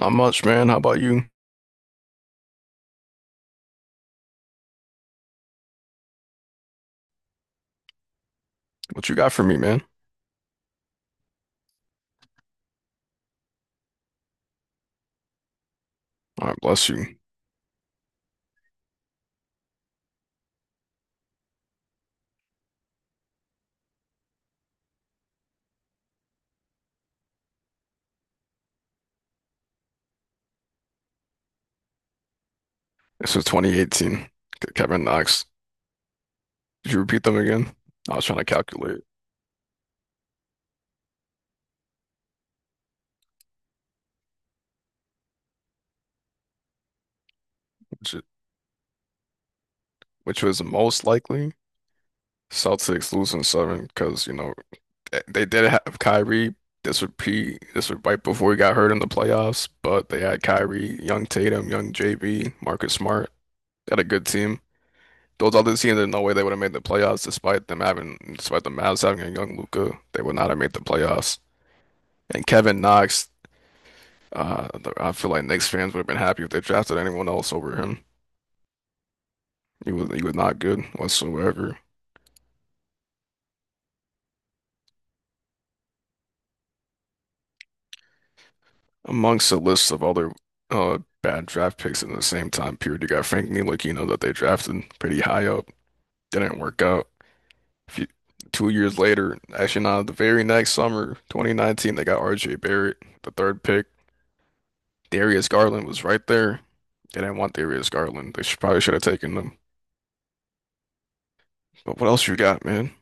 Not much, man. How about you? What you got for me, man? All right, bless you. This is 2018. Kevin Knox. Did you repeat them again? I was trying to calculate which which was the most likely. Celtics losing seven because you know they did have Kyrie. This would be this would right before he got hurt in the playoffs, but they had Kyrie, young Tatum, young JB, Marcus Smart. They had a good team. Those other teams, there's no way they would have made the playoffs despite them having, despite the Mavs having a young Luca, they would not have made the playoffs. And Kevin Knox. Uh, I feel like Knicks fans would have been happy if they drafted anyone else over him. He was not good whatsoever. Amongst a list of other bad draft picks in the same time period, you got Frank Ntilikina that they drafted pretty high up. Didn't work out. If you, 2 years later, actually not the very next summer, 2019, they got RJ Barrett, the third pick. Darius Garland was right there. They didn't want Darius Garland. They should, probably should have taken him. But what else you got, man?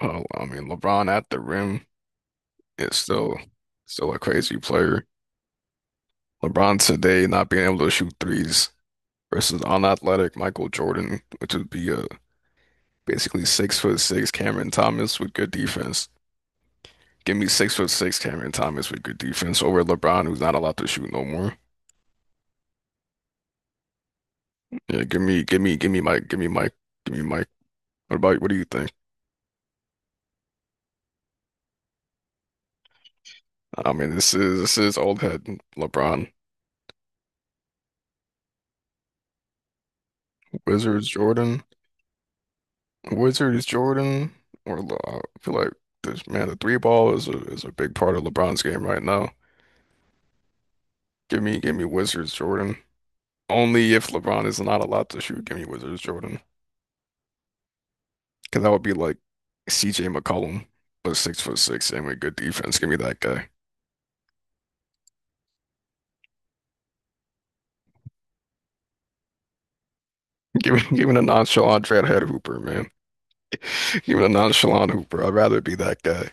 Oh, I mean, LeBron at the rim is still a crazy player. LeBron today not being able to shoot threes versus unathletic Michael Jordan, which would be basically 6-foot-6 Cameron Thomas with good defense. Give me 6-foot-6 Cameron Thomas with good defense over LeBron, who's not allowed to shoot no more. Yeah, give me Mike, give me Mike. What do you think? I mean, this is old head LeBron. Wizards Jordan, Wizards Jordan, or I feel like this man, the three ball is a big part of LeBron's game right now. Give me Wizards Jordan. Only if LeBron is not allowed to shoot, give me Wizards Jordan. Because that would be like CJ McCollum, but 6-foot-6 and with good defense. Give me that guy. Give me the nonchalant dreadhead Hooper, man. Give me the nonchalant Hooper. I'd rather be that guy.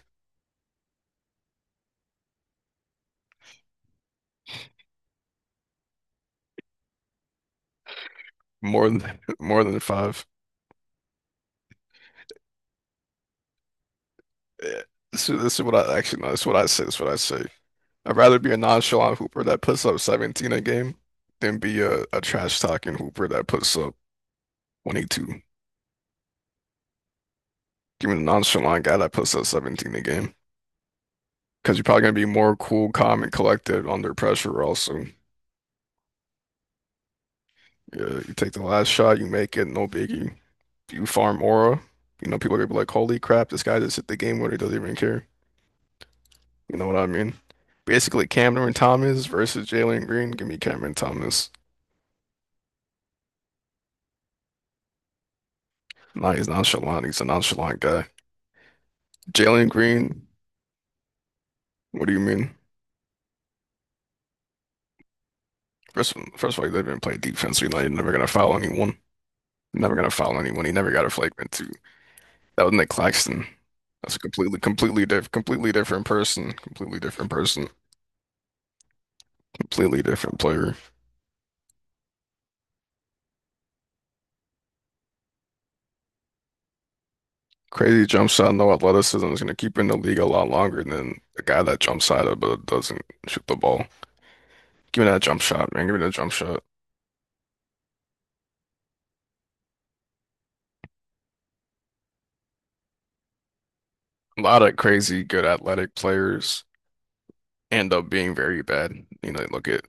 More than more than five. Yeah. This is what I actually. No, this is what I say. This is what I say. I'd rather be a nonchalant hooper that puts up 17 a game than be a trash talking hooper that puts up 22. Give me the nonchalant guy that puts up 17 a game. Because you're probably going to be more cool, calm, and collected under pressure, also. Yeah, you take the last shot, you make it, no biggie. You farm aura. You know, people are going to be like, holy crap, this guy just hit the game winner, doesn't even care. You know what I mean? Basically, Cameron Thomas versus Jalen Green. Give me Cameron Thomas. Nah, he's nonchalant. He's a nonchalant guy. Jalen Green, what do you mean? First of all, he didn't even play defense. He's like, never gonna foul anyone. Never gonna foul anyone. He never got a flagrant 2. That was Nick Claxton. That's a completely different person. Completely different person. Completely different player. Crazy jump shot, no athleticism is gonna keep him in the league a lot longer than the guy that jumps out of but doesn't shoot the ball. Give me that jump shot, man. Give me that jump shot. A lot of crazy, good athletic players end up being very bad. You know, look at.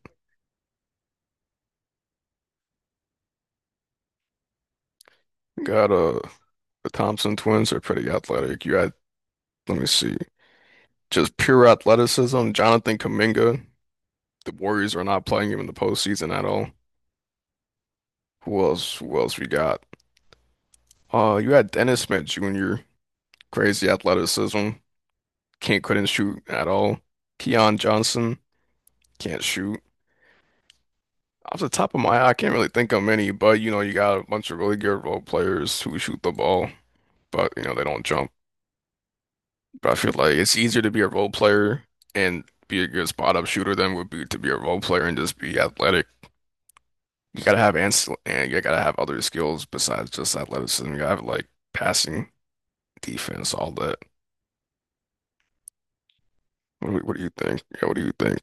Got the Thompson twins are pretty athletic. You had. Let me see. Just pure athleticism. Jonathan Kuminga. The Warriors are not playing him in the postseason at all. Who else? Who else we got? You had Dennis Smith Jr. Crazy athleticism. Can't, couldn't shoot at all. Keon Johnson can't shoot. Off the top of my head, I can't really think of many, but you know you got a bunch of really good role players who shoot the ball, but you know they don't jump. But I feel like it's easier to be a role player and be a good spot up shooter than would be to be a role player and just be athletic. You gotta have ans and you gotta have other skills besides just athleticism. You gotta have like passing, defense, all that. What do you think? Yeah, what do you think?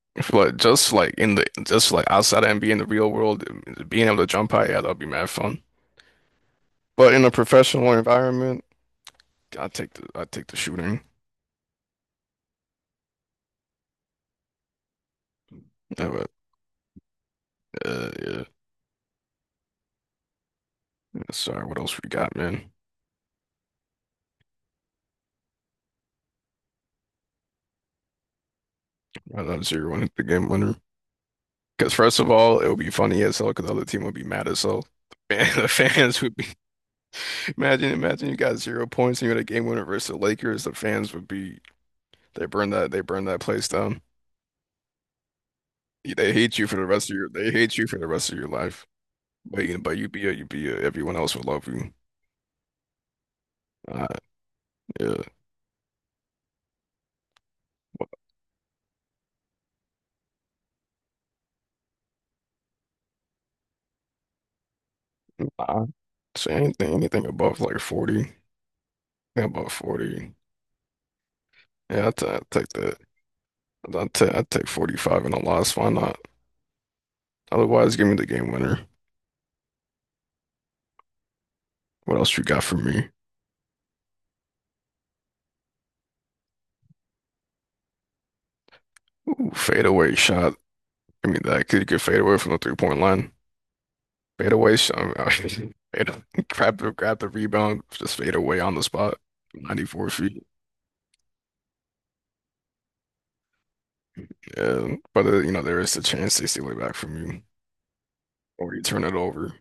I feel like just like outside of NBA in the real world, being able to jump high, yeah, that'll be mad fun. But in a professional environment, I take the shooting. Yeah, but, yeah. Sorry, what else we got, man? I'm zeroing the game winner. Because first of all, it would be funny as hell because the other team would be mad as hell. And the fans would be. Imagine you got zero points and you had a game winner versus the Lakers. The fans would be. They burn that place down. They hate you for the rest of your life. But you everyone else would love you. Uh, yeah. Uh, so anything above like 40. Yeah, above 40. Yeah, I take that. I take 45 in a loss. Why not? Otherwise, give me the game winner. What else you got for me? Ooh, fadeaway shot. I mean, that could get fade away from the 3-point line. Fadeaway shot. Fade, grab the rebound, just fade away on the spot. 94 feet. Yeah, but you know there is a chance they steal it back from you, or you turn it over.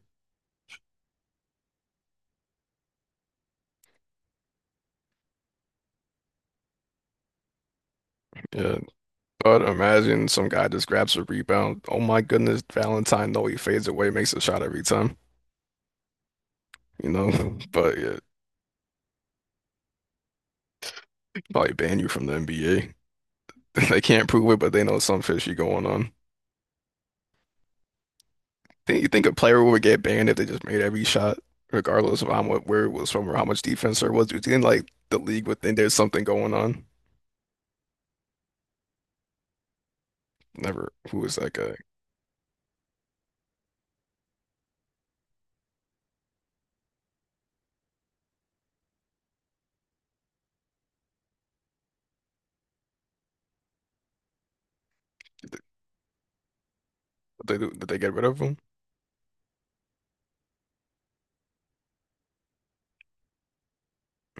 Yeah, but imagine some guy just grabs a rebound. Oh my goodness, Valentine! No, he fades away, makes a shot every time. You know, but yeah, probably ban you from the NBA. They can't prove it, but they know some fishy going on. Think you think a player would get banned if they just made every shot, regardless of how much where it was from or how much defense there was? Do you think like the league would think there's something going on? Never. Who was that guy? Did did they get rid of him?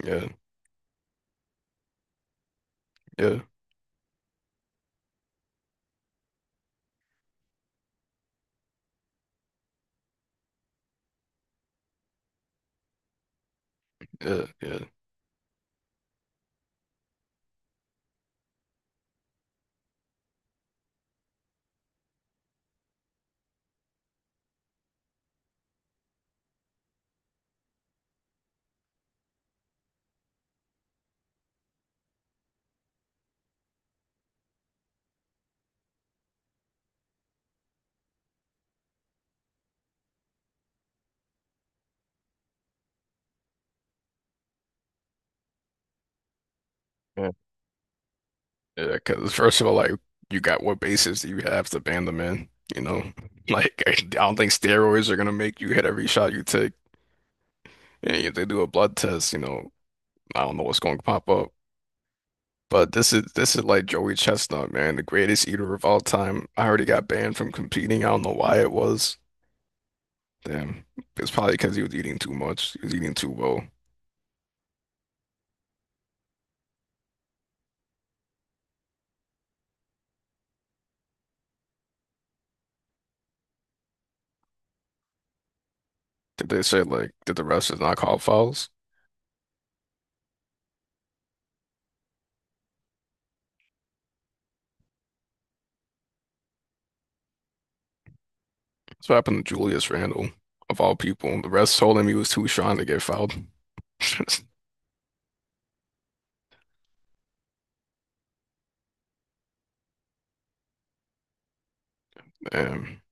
Yeah, yeah, yeah, yeah, yeah. Yeah, because first of all, like you got what basis do you have to ban the man? You know, like I don't think steroids are gonna make you hit every shot you take. And if they do a blood test, you know, I don't know what's going to pop up. But this is like Joey Chestnut, man, the greatest eater of all time. I already got banned from competing. I don't know why it was. Damn. It's probably because he was eating too much. He was eating too well. Did they say like did the rest not call fouls? That's what happened to Julius Randle, of all people. The rest told him he was too strong to get fouled. Damn.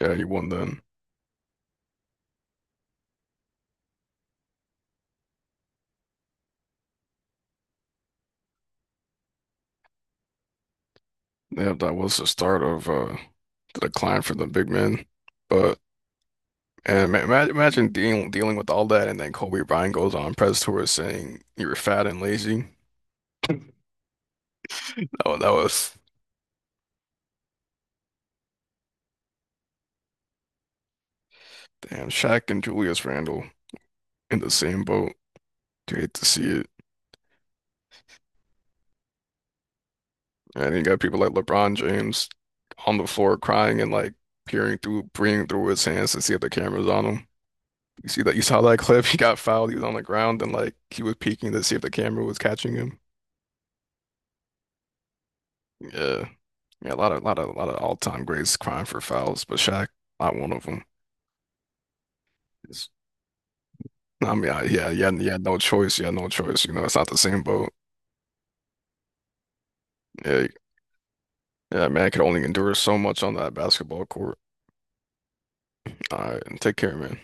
Yeah, he won then. Yeah, that was the start of the decline for the big men. But And imagine dealing with all that, and then Kobe Bryant goes on press tour saying you were fat and lazy. Oh, that was damn. Shaq and Julius Randle in the same boat. You hate to see it. And you got people like LeBron James on the floor crying and like peering through his hands to see if the camera's on him. You see that? You saw that clip? He got fouled. He was on the ground and like he was peeking to see if the camera was catching him. Yeah, yeah, a lot of, lot of, lot of all-time greats crying for fouls, but Shaq, not one of them. I mean, yeah, yeah, you had no choice. You had no choice. You know, it's not the same boat. Yeah, yeah, man, I could only endure so much on that basketball court. All right, and take care, man.